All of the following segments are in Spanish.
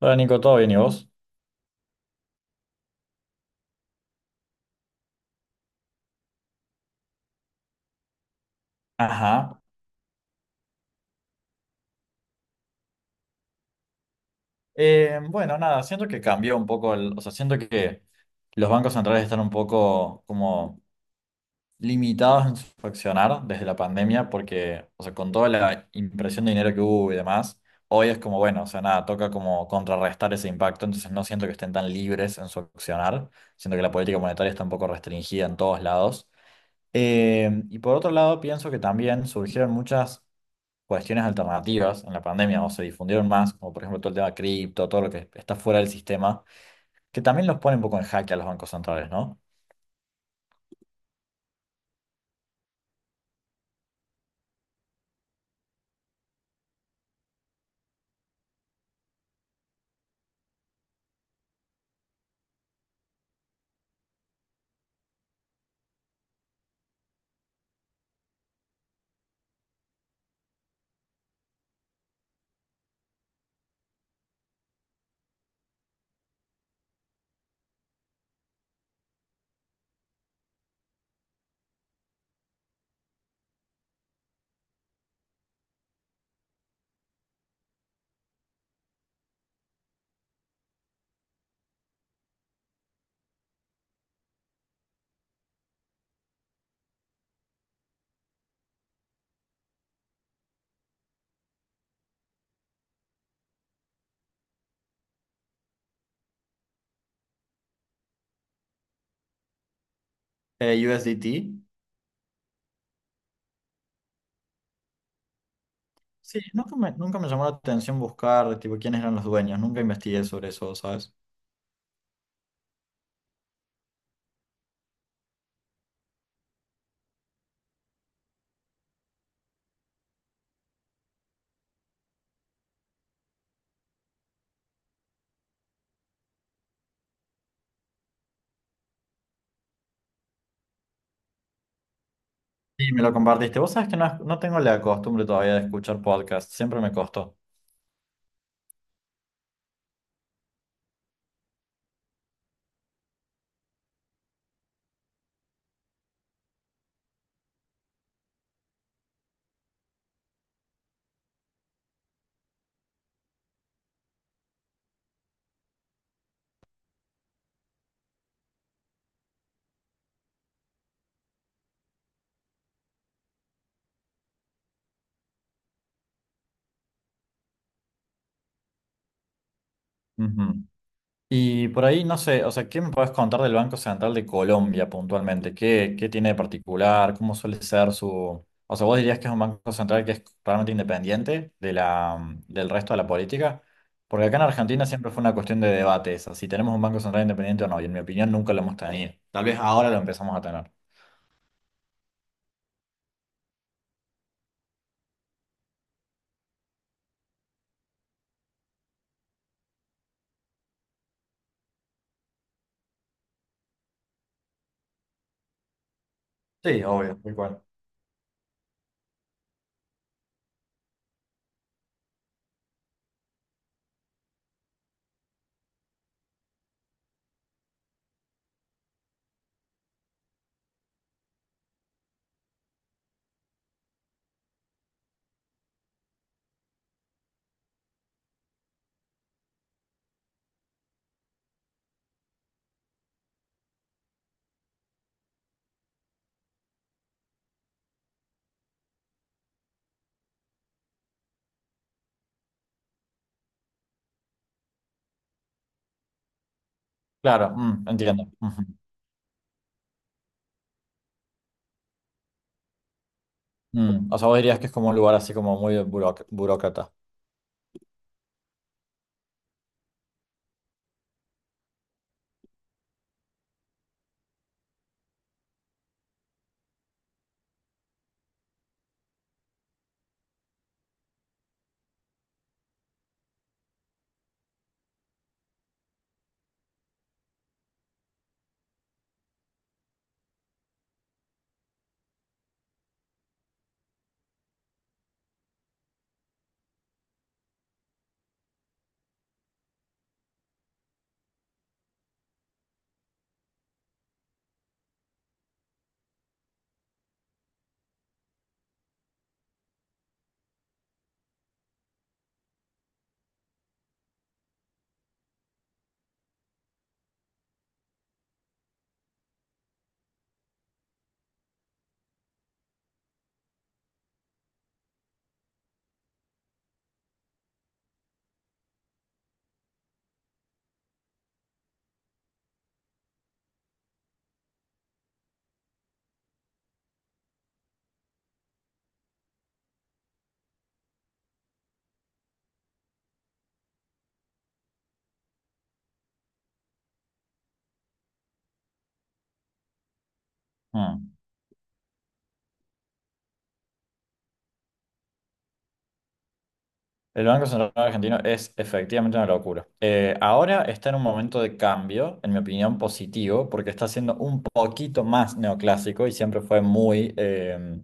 Hola Nico, ¿todo bien y vos? Ajá. Bueno, nada, siento que cambió un poco el, o sea, siento que los bancos centrales están un poco como limitados en su accionar desde la pandemia porque, o sea, con toda la impresión de dinero que hubo y demás, hoy es como, bueno, o sea, nada, toca como contrarrestar ese impacto, entonces no siento que estén tan libres en su accionar, siento que la política monetaria está un poco restringida en todos lados. Y por otro lado, pienso que también surgieron muchas cuestiones alternativas en la pandemia o se difundieron más, como por ejemplo todo el tema cripto, todo lo que está fuera del sistema, que también los pone un poco en jaque a los bancos centrales, ¿no? USDT. Sí, nunca me llamó la atención buscar, tipo, quiénes eran los dueños, nunca investigué sobre eso, ¿sabes? Y me lo compartiste. Vos sabés que no tengo la costumbre todavía de escuchar podcasts, siempre me costó. Ujú. Y por ahí, no sé, o sea, ¿qué me puedes contar del Banco Central de Colombia puntualmente? Qué tiene de particular? ¿Cómo suele ser su... O sea, ¿vos dirías que es un banco central que es realmente independiente de la, del resto de la política? Porque acá en Argentina siempre fue una cuestión de debate esa, si tenemos un banco central independiente o no, y en mi opinión nunca lo hemos tenido. Tal vez ahora lo empezamos a tener. Sí, obvio, muy bueno. Claro, mm, entiendo. Ujú. Mm, o sea, vos dirías que es como un lugar así como muy burócrata. Mm. El Banco Central Argentino es efectivamente una locura. Ahora está en un momento de cambio, en mi opinión, positivo, porque está siendo un poquito más neoclásico y siempre fue muy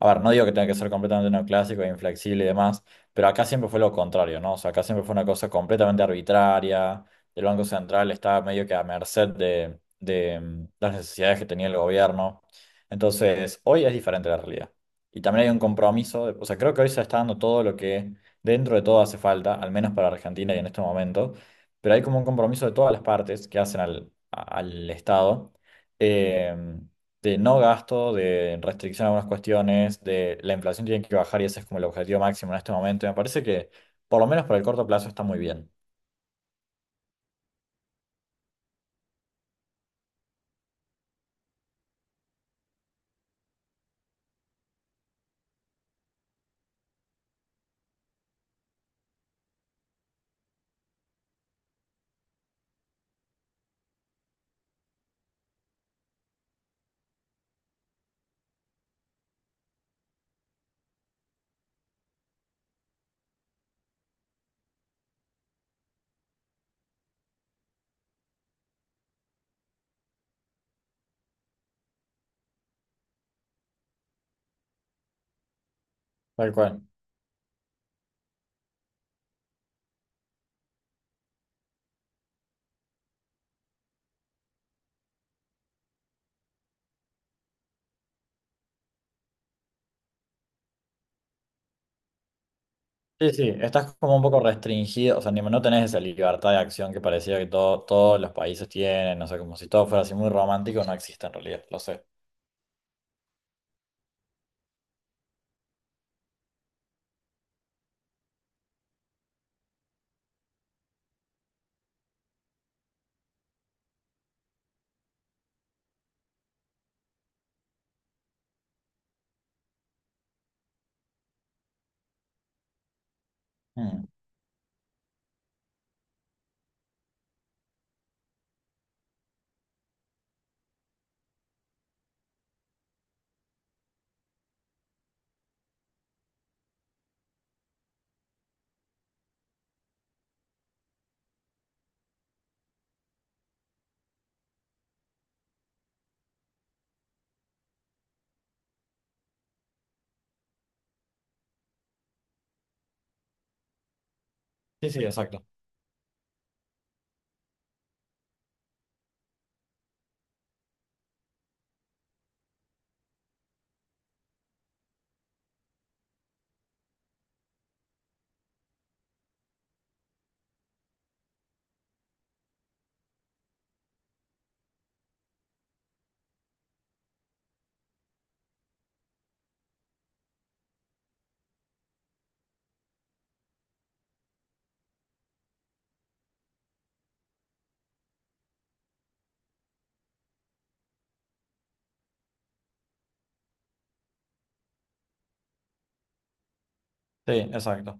a ver, no digo que tenga que ser completamente neoclásico e inflexible y demás, pero acá siempre fue lo contrario, ¿no? O sea, acá siempre fue una cosa completamente arbitraria. El Banco Central estaba medio que a merced de las necesidades que tenía el gobierno. Entonces, hoy es diferente la realidad. Y también hay un compromiso, o sea, creo que hoy se está dando todo lo que dentro de todo hace falta, al menos para Argentina y en este momento, pero hay como un compromiso de todas las partes que hacen al Estado. em, de no gasto, de restricción a algunas cuestiones, de la inflación tiene que bajar y ese es como el objetivo máximo en este momento. Y me parece que, por lo menos por el corto plazo, está muy bien. Tal cual. Sí, sí, estás como un poco restringido, o sea, no tenés esa libertad de acción que parecía que todos los países tienen, o sea, como si todo fuera así muy romántico, no existe en realidad, lo sé. Mm. Sí, sí, exacto. Sí, exacto.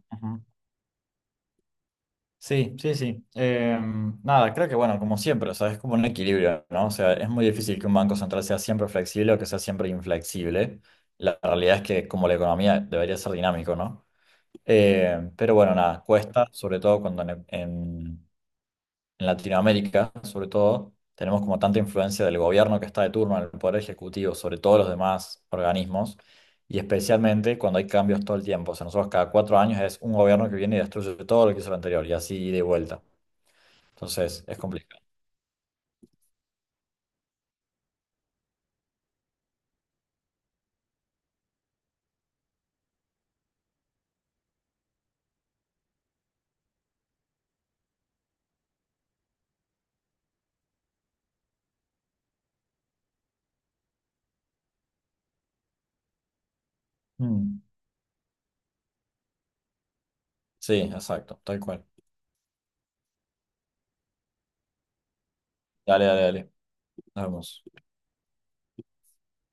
Sí, sí, sí. Nada, creo que bueno, como siempre, o sea, es como un equilibrio, ¿no? O sea, es muy difícil que un banco central sea siempre flexible o que sea siempre inflexible. La realidad es que como la economía debería ser dinámico, ¿no? Pero bueno, nada, cuesta, sobre todo cuando en Latinoamérica, sobre todo, tenemos como tanta influencia del gobierno que está de turno en el poder ejecutivo sobre todos los demás organismos y especialmente cuando hay cambios todo el tiempo. O sea, nosotros cada 4 años es un gobierno que viene y destruye todo lo que hizo el anterior y así de vuelta. Entonces, es complicado. Mm. Sí, exacto, tal cual. Dale, dale, dale. Nos vemos.